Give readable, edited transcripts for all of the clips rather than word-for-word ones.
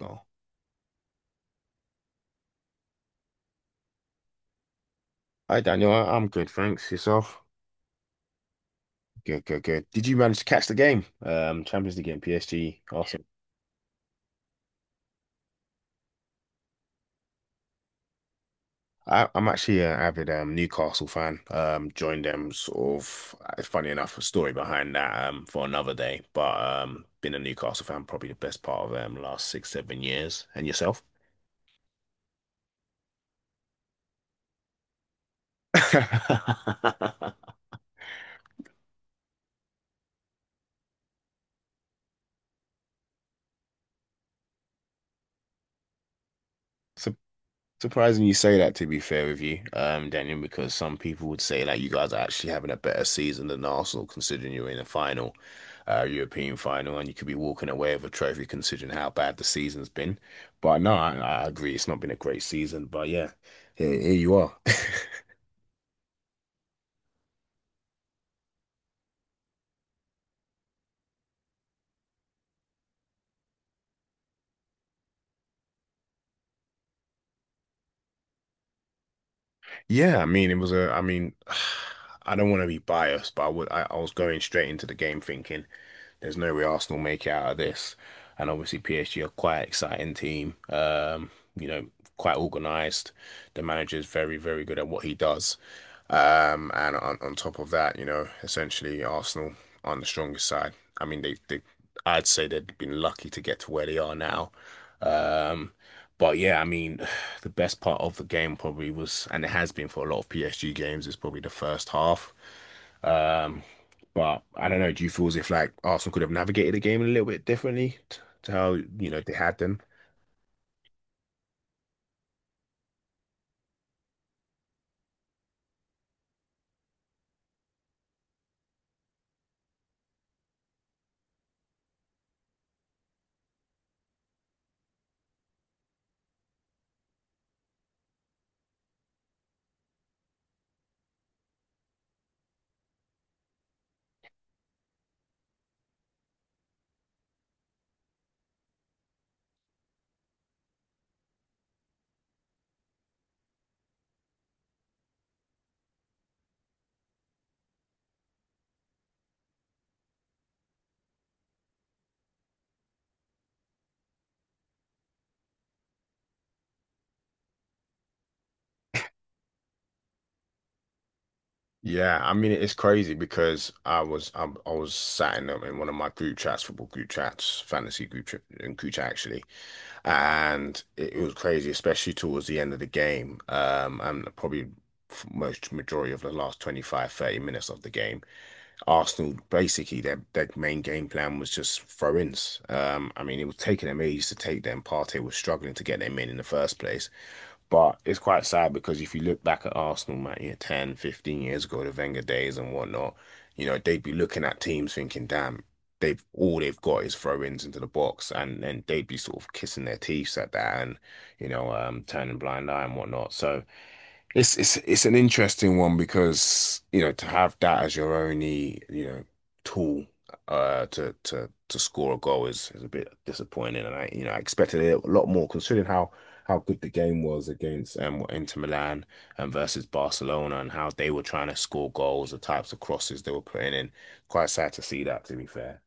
Oh, hi Daniel. I'm good, thanks. Yourself? Good, good, good. Did you manage to catch the game? Champions League game, PSG. Awesome. I'm actually an avid Newcastle fan. Joined them sort of. It's funny enough, a story behind that, for another day. But been a Newcastle fan probably the best part of last 6, 7 years. And yourself? So, surprising you say that, to be fair with you, Daniel, because some people would say like you guys are actually having a better season than Arsenal, considering you're in the final, European final, and you could be walking away with a trophy, considering how bad the season's been. But no, I agree, it's not been a great season. But yeah, here you are. Yeah, I mean, I don't want to be biased, but I was going straight into the game thinking. There's no way Arsenal make it out of this. And obviously PSG are quite an exciting team. You know, quite organised. The manager's very, very good at what he does. And on top of that, you know, essentially Arsenal on the strongest side. I mean, they I'd say they've been lucky to get to where they are now. Um, but yeah, I mean, the best part of the game probably was, and it has been for a lot of PSG games, is probably the first half. Um, but I don't know. Do you feel as if like Arsenal could have navigated the game a little bit differently, to how you know they had them? Yeah, I mean it's crazy because I was sat in one of my group chats, football group chats, fantasy group chat, and group chat actually, and it was crazy, especially towards the end of the game, and probably most majority of the last 25-30 minutes of the game. Arsenal basically their main game plan was just throw-ins. I mean, it was taking them ages to take them. Partey was struggling to get them in the first place. But it's quite sad because if you look back at Arsenal, man, you know, 10, 15 years ago, the Wenger days and whatnot, you know, they'd be looking at teams thinking, damn, they've got is throw-ins into the box, and then they'd be sort of kissing their teeth at that, and you know, turning blind eye and whatnot. So. It's an interesting one, because you know to have that as your only, you know, tool to score a goal is a bit disappointing, and I, you know, I expected it a lot more considering how good the game was against Inter Milan and versus Barcelona, and how they were trying to score goals, the types of crosses they were putting in. Quite sad to see that, to be fair.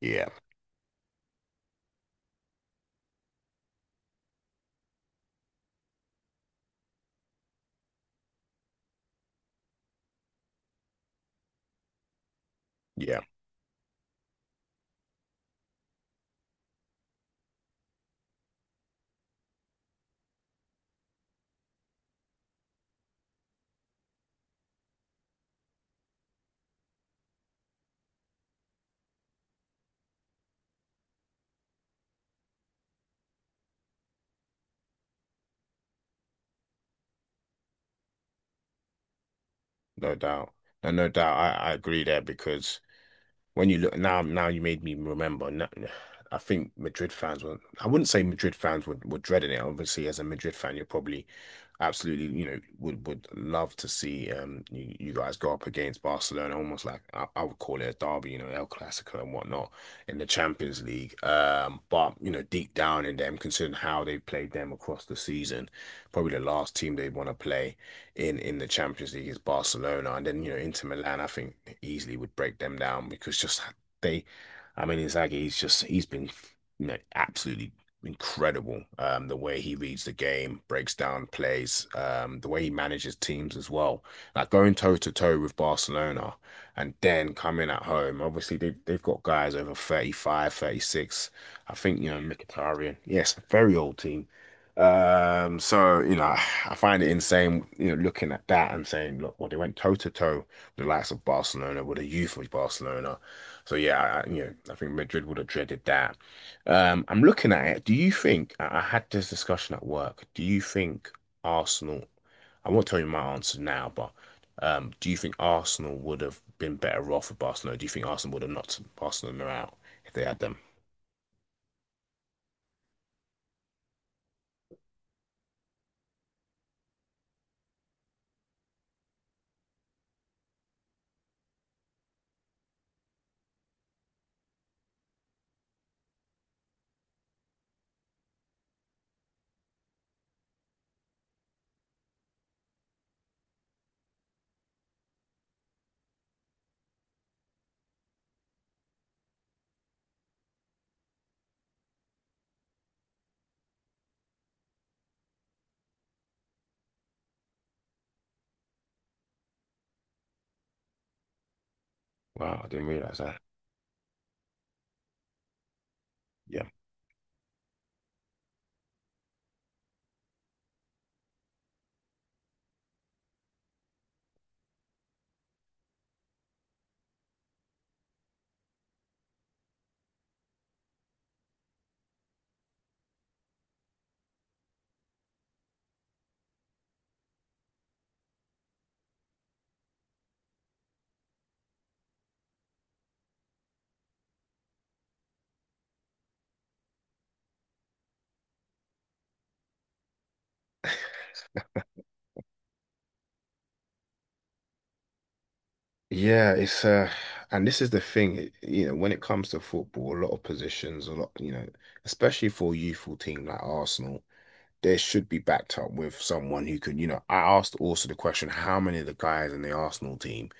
Yeah. Yeah, no doubt. No doubt, I agree there, because when you look now, you made me remember. No, I think Madrid fans were. I wouldn't say Madrid fans were dreading it. Obviously, as a Madrid fan, you're probably absolutely, you know, would love to see, you guys go up against Barcelona, almost like I would call it a derby, you know, El Clasico and whatnot, in the Champions League. But you know, deep down in them, considering how they played them across the season, probably the last team they'd want to play in the Champions League is Barcelona. And then you know, Inter Milan, I think, easily would break them down, because just they, I mean, Inzaghi, he's been. You know, absolutely incredible. The way he reads the game, breaks down plays, the way he manages teams as well. Like going toe to toe with Barcelona and then coming at home. Obviously, they've got guys over 35, 36. I think, you know, Mkhitaryan. Yes, very old team. So, you know, I find it insane, you know, looking at that and saying, look, well, they went toe to toe with the likes of Barcelona, with the youth of Barcelona. So, yeah, you know, I think Madrid would have dreaded that. I'm looking at it. Do you think, I had this discussion at work, do you think Arsenal? I won't tell you my answer now, but do you think Arsenal would have been better off with Barcelona? Do you think Arsenal would have knocked Barcelona out if they had them? Wow, I didn't realize that. Yeah. Yeah, it's and this is the thing, you know, when it comes to football, a lot of positions, a lot, you know, especially for a youthful team like Arsenal. There should be backed up with someone who can, you know, I asked also the question, how many of the guys in the Arsenal team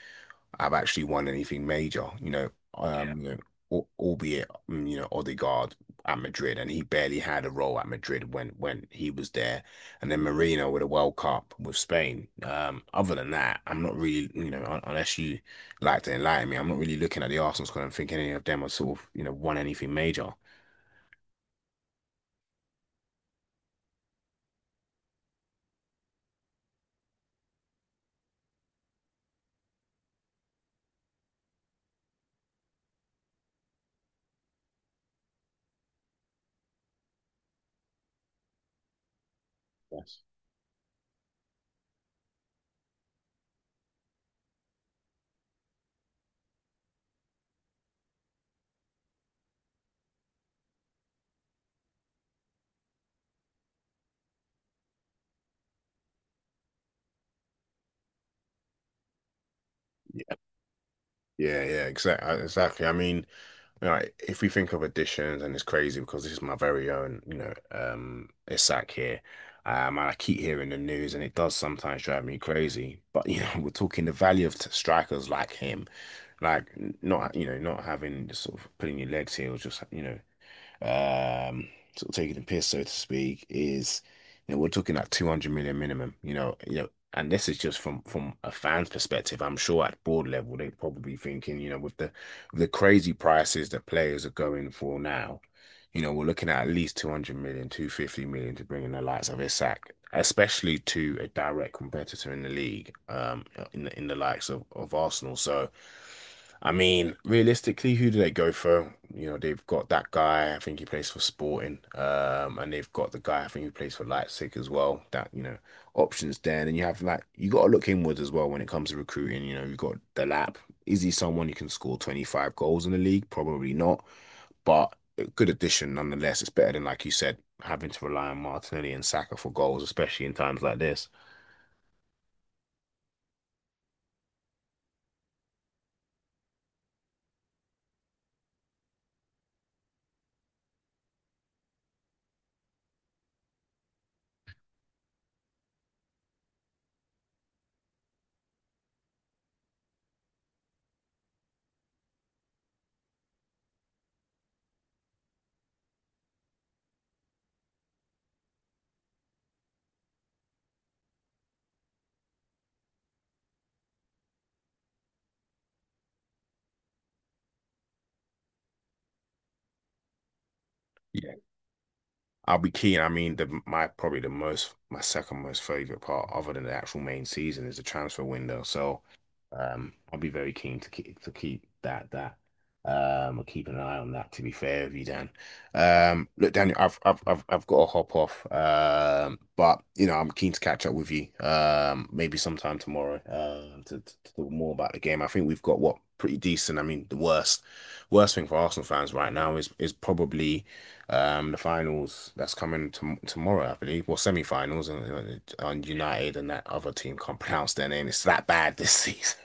have actually won anything major? You know, yeah. You know, albeit, you know, Odegaard at Madrid, and he barely had a role at Madrid when he was there, and then Marino with a World Cup with Spain. Other than that, I'm not really, you know, unless you like to enlighten me, I'm not really looking at the Arsenal squad and thinking any of them have sort of, you know, won anything major. Yes. Yeah, yeah, yeah, exactly, exactly. I mean, you if we think of additions, and it's crazy because this is my very own, you know, Isak here. And I keep hearing the news, and it does sometimes drive me crazy. But you know, we're talking the value of strikers like him, like not, you know, not having just sort of putting your legs here, or just you know, um, sort of taking the piss, so to speak. Is, you know, we're talking at 200 million minimum. You know, and this is just from a fan's perspective. I'm sure at board level they're probably thinking, you know, with the crazy prices that players are going for now, you know, we're looking at least 200 million, 250 million to bring in the likes of Isak, especially to a direct competitor in the league, in the likes of Arsenal. So, I mean, realistically, who do they go for? You know, they've got that guy, I think he plays for Sporting, and they've got the guy, I think he plays for Leipzig as well. That, you know, options there. And then you have like, you got to look inwards as well when it comes to recruiting. You know, you've got Delap. Is he someone who can score 25 goals in the league? Probably not, but a good addition nonetheless. It's better than, like you said, having to rely on Martinelli and Saka for goals, especially in times like this. Yeah. I'll be keen. I mean, the my probably the most my second most favorite part, other than the actual main season, is the transfer window. So, I'll be very keen to keep that that keeping an eye on that. To be fair with you, Dan. Look, Daniel, I've got to hop off. But you know, I'm keen to catch up with you. Maybe sometime tomorrow. To talk more about the game. I think we've got what pretty decent. I mean, the worst thing for Arsenal fans right now is probably. The finals that's coming tomorrow, I believe, well, semi-finals, and on United and that other team can't pronounce their name. It's that bad this season.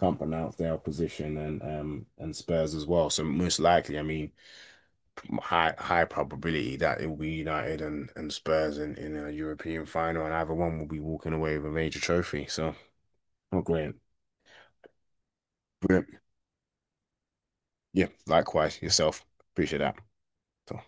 Can't pronounce their opposition, and Spurs as well. So most likely, I mean, high probability that it will be United and Spurs in a European final, and either one will be walking away with a major trophy. So, oh, great, great. Yeah. Likewise, yourself. Appreciate that. So.